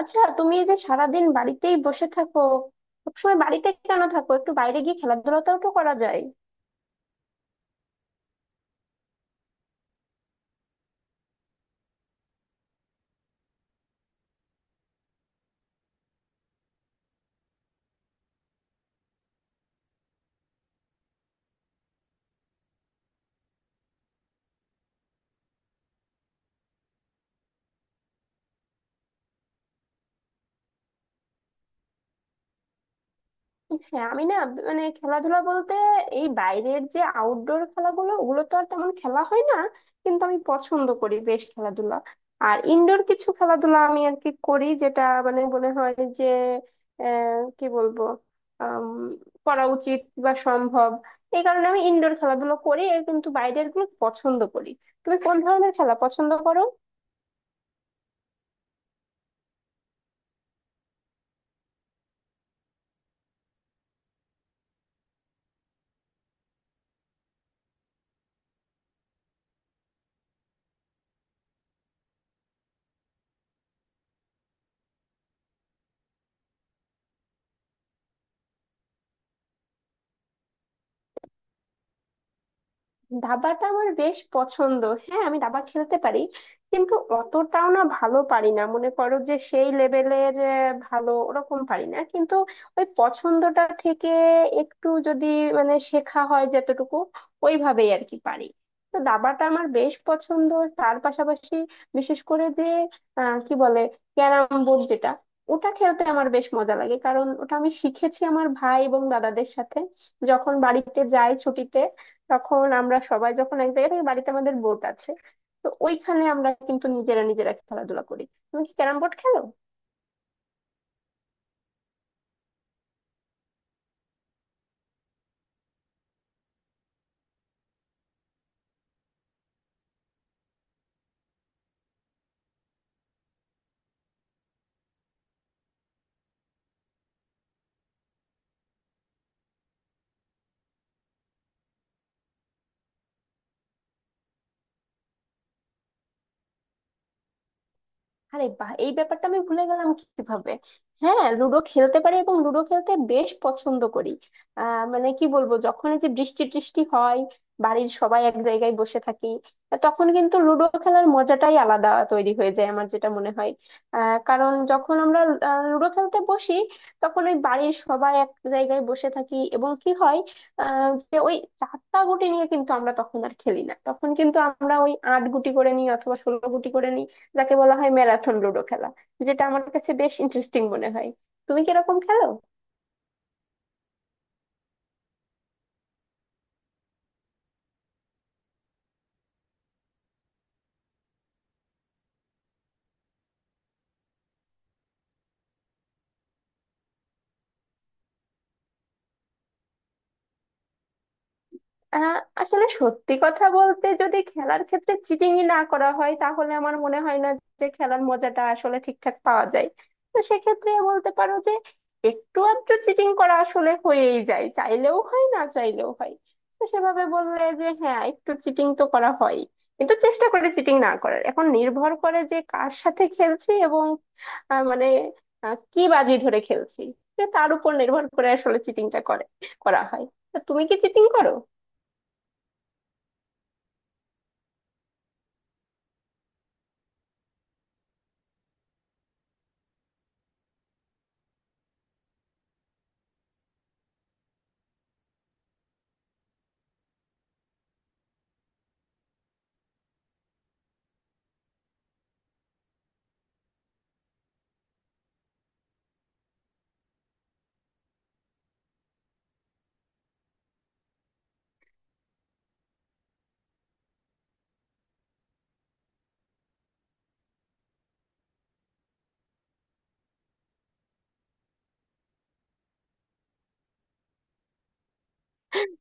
আচ্ছা, তুমি এই যে সারাদিন বাড়িতেই বসে থাকো, সবসময় বাড়িতে কেন থাকো? একটু বাইরে গিয়ে খেলাধুলাটাও তো করা যায়। হ্যাঁ, আমি না, মানে খেলাধুলা বলতে এই বাইরের যে আউটডোর খেলাগুলো, ওগুলো তো আর তেমন খেলা হয় না, কিন্তু আমি পছন্দ করি বেশ খেলাধুলা। আর ইনডোর কিছু খেলাধুলা আমি আর কি করি, যেটা মানে মনে হয় যে কি বলবো, আম, করা উচিত বা সম্ভব, এই কারণে আমি ইনডোর খেলাধুলো করি, এ কিন্তু বাইরের গুলো পছন্দ করি। তুমি কোন ধরনের খেলা পছন্দ করো? দাবাটা আমার বেশ পছন্দ। হ্যাঁ, আমি দাবা খেলতে পারি, কিন্তু অতটাও না, ভালো পারি না, মনে করো যে সেই লেভেলের ভালো ওরকম পারি না, কিন্তু ওই পছন্দটা থেকে একটু যদি মানে শেখা হয় যতটুকু, ওইভাবেই আর কি পারি। তো দাবাটা আমার বেশ পছন্দ। তার পাশাপাশি বিশেষ করে যে কি বলে, ক্যারাম বোর্ড, যেটা ওটা খেলতে আমার বেশ মজা লাগে, কারণ ওটা আমি শিখেছি আমার ভাই এবং দাদাদের সাথে। যখন বাড়িতে যাই ছুটিতে, তখন আমরা সবাই যখন এক জায়গায় থাকি, বাড়িতে আমাদের বোট আছে, তো ওইখানে আমরা কিন্তু নিজেরা নিজেরা খেলাধুলা করি। তুমি কি ক্যারাম বোর্ড খেলো? আরে বাহ, এই ব্যাপারটা আমি ভুলে গেলাম কিভাবে! হ্যাঁ, লুডো খেলতে পারি এবং লুডো খেলতে বেশ পছন্দ করি। মানে কি বলবো, যখন এই যে বৃষ্টি টৃষ্টি হয়, বাড়ির সবাই এক জায়গায় বসে থাকি, তখন কিন্তু লুডো খেলার মজাটাই আলাদা তৈরি হয়ে যায়, আমার যেটা মনে হয়। কারণ যখন আমরা লুডো খেলতে বসি, তখন ওই বাড়ির সবাই এক জায়গায় বসে থাকি এবং কি হয়, যে ওই চারটা গুটি নিয়ে কিন্তু আমরা তখন আর খেলি না, তখন কিন্তু আমরা ওই আট গুটি করে নিই অথবা ষোলো গুটি করে নিই, যাকে বলা হয় ম্যারাথন লুডো খেলা, যেটা আমার কাছে বেশ ইন্টারেস্টিং মনে হয়। তুমি কিরকম খেলো? আহ, আসলে সত্যি কথা বলতে, যদি খেলার ক্ষেত্রে চিটিংই না করা হয়, তাহলে আমার মনে হয় না যে খেলার মজাটা আসলে ঠিকঠাক পাওয়া যায়। তো সেক্ষেত্রে বলতে পারো যে একটু আধটু চিটিং করা আসলে হয়েই যায়, চাইলেও হয় না চাইলেও হয়। তো সেভাবে বললে যে হ্যাঁ, একটু চিটিং তো করা হয়, কিন্তু চেষ্টা করে চিটিং না করার। এখন নির্ভর করে যে কার সাথে খেলছি এবং মানে কি বাজি ধরে খেলছি, তো তার উপর নির্ভর করে আসলে চিটিংটা করে করা হয়। তো তুমি কি চিটিং করো?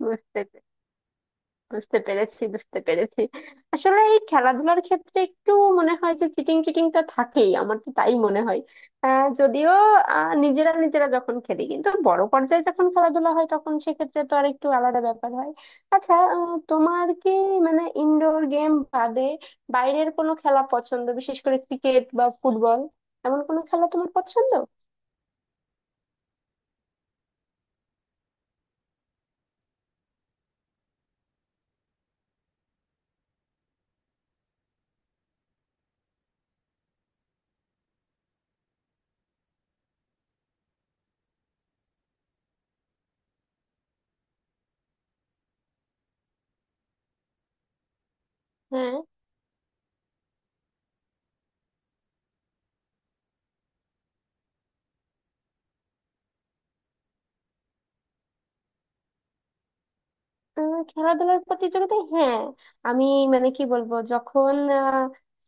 বুঝতে পে- বুঝতে পেরেছি, বুঝতে পেরেছি. আসলে এই খেলাধুলার ক্ষেত্রে একটু মনে হয় যে চিটিংটা থাকেই, আমার তো তাই মনে হয়। যদিও নিজেরা নিজেরা যখন খেলি, কিন্তু বড় পর্যায়ে যখন খেলাধুলা হয়, তখন সেক্ষেত্রে তো আর একটু আলাদা ব্যাপার হয়। আচ্ছা, তোমার কি মানে ইনডোর গেম বাদে বাইরের কোনো খেলা পছন্দ? বিশেষ করে ক্রিকেট বা ফুটবল, এমন কোনো খেলা তোমার পছন্দ? হ্যাঁ, খেলাধুলার প্রতিযোগিতা, হ্যাঁ, আমি মানে কি বলবো, যখন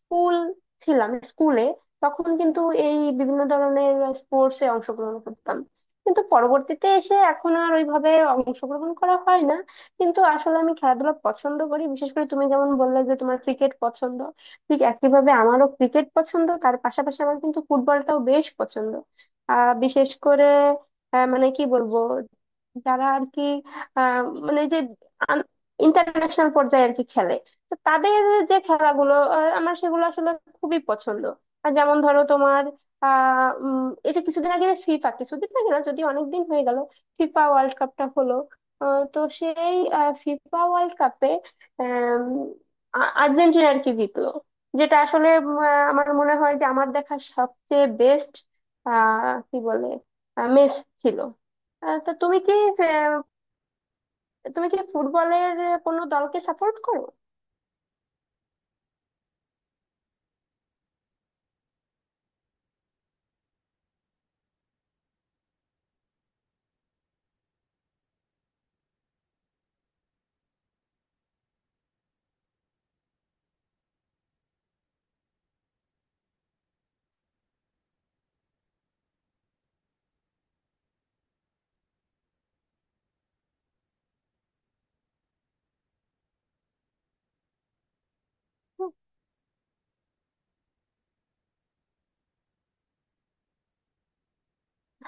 স্কুল ছিলাম, স্কুলে তখন কিন্তু এই বিভিন্ন ধরনের স্পোর্টস এ অংশগ্রহণ করতাম, কিন্তু পরবর্তীতে এসে এখন আর ওইভাবে অংশগ্রহণ করা হয় না। কিন্তু আসলে আমি খেলাধুলা পছন্দ করি, বিশেষ করে তুমি যেমন বললে যে তোমার ক্রিকেট পছন্দ, ঠিক একইভাবে আমারও ক্রিকেট পছন্দ, তার পাশাপাশি আমার কিন্তু ফুটবলটাও বেশ পছন্দ। বিশেষ করে মানে কি বলবো, যারা আর কি আহ মানে যে ইন্টারন্যাশনাল পর্যায়ে আর কি খেলে, তো তাদের যে খেলাগুলো, আমার সেগুলো আসলে খুবই পছন্দ। আর যেমন ধরো তোমার এটা কিছুদিন আগে ফিফা, কিছুদিন আগে না, যদি অনেকদিন হয়ে গেল, ফিফা ওয়ার্ল্ড কাপটা হলো, তো সেই ফিফা ওয়ার্ল্ড কাপে আর্জেন্টিনা আর কি জিতলো, যেটা আসলে আমার মনে হয় যে আমার দেখা সবচেয়ে বেস্ট কি বলে মেস ছিল। তা তুমি কি, তুমি কি ফুটবলের কোনো দলকে সাপোর্ট করো?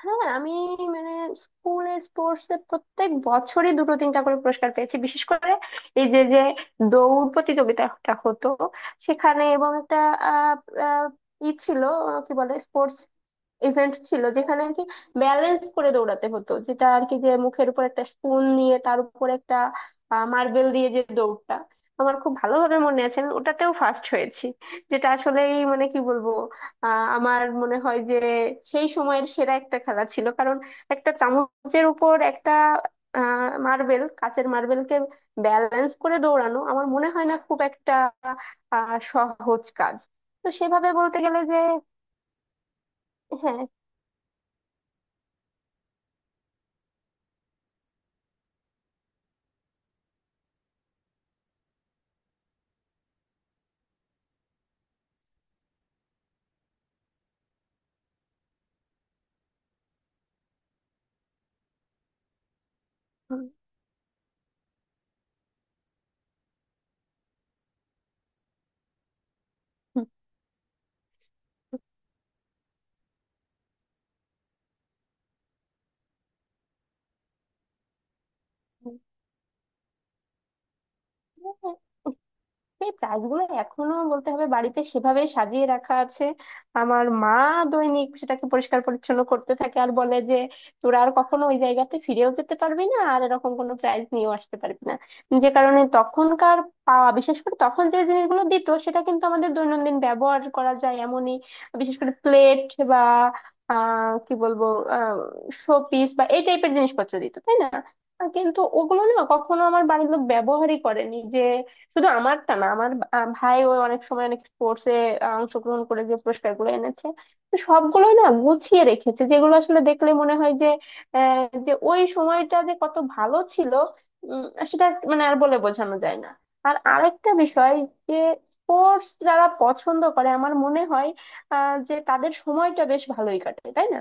হ্যাঁ, আমি মানে স্কুলের স্পোর্টস এ প্রত্যেক বছরই দুটো তিনটা করে পুরস্কার পেয়েছি, বিশেষ করে এই যে যে দৌড় প্রতিযোগিতাটা হতো, সেখানে এবং একটা আহ আহ, ই ছিল, কি বলে স্পোর্টস ইভেন্ট ছিল, যেখানে আর কি ব্যালেন্স করে দৌড়াতে হতো, যেটা আর কি, যে মুখের উপর একটা স্পুন নিয়ে তার উপর একটা মার্বেল দিয়ে যে দৌড়টা, আমার খুব ভালোভাবে মনে আছে, আমি ওটাতেও ফার্স্ট হয়েছি। যেটা আসলেই মানে কি বলবো, আমার মনে হয় যে সেই সময়ের সেরা একটা খেলা ছিল, কারণ একটা চামচের উপর একটা মার্বেল, কাচের মার্বেলকে ব্যালেন্স করে দৌড়ানো আমার মনে হয় না খুব একটা সহজ কাজ। তো সেভাবে বলতে গেলে যে হ্যাঁ, হুম। এই প্রাইজ গুলো এখনো বলতে হবে বাড়িতে সেভাবে সাজিয়ে রাখা আছে। আমার মা দৈনিক সেটাকে পরিষ্কার পরিচ্ছন্ন করতে থাকে আর বলে যে তোরা আর কখনো ওই জায়গাতে ফিরেও যেতে পারবি না, আর এরকম কোনো প্রাইজ নিয়েও আসতে পারবি না। যে কারণে তখনকার পাওয়া, বিশেষ করে তখন যে জিনিসগুলো দিত, সেটা কিন্তু আমাদের দৈনন্দিন ব্যবহার করা যায় এমনই, বিশেষ করে প্লেট বা কি বলবো, আহ শোপিস বা এই টাইপের জিনিসপত্র দিত, তাই না? কিন্তু ওগুলো না কখনো আমার বাড়ির লোক ব্যবহারই করেনি। যে শুধু আমারটা না, আমার ভাইও অনেক সময় অনেক স্পোর্টসে অংশগ্রহণ করে যে পুরস্কার গুলো এনেছে, তো সবগুলোই না গুছিয়ে রেখেছে, যেগুলো আসলে দেখলে মনে হয় যে আহ, যে ওই সময়টা যে কত ভালো ছিল, উম, সেটা মানে আর বলে বোঝানো যায় না। আর আরেকটা বিষয় যে স্পোর্টস যারা পছন্দ করে, আমার মনে হয় যে তাদের সময়টা বেশ ভালোই কাটে, তাই না?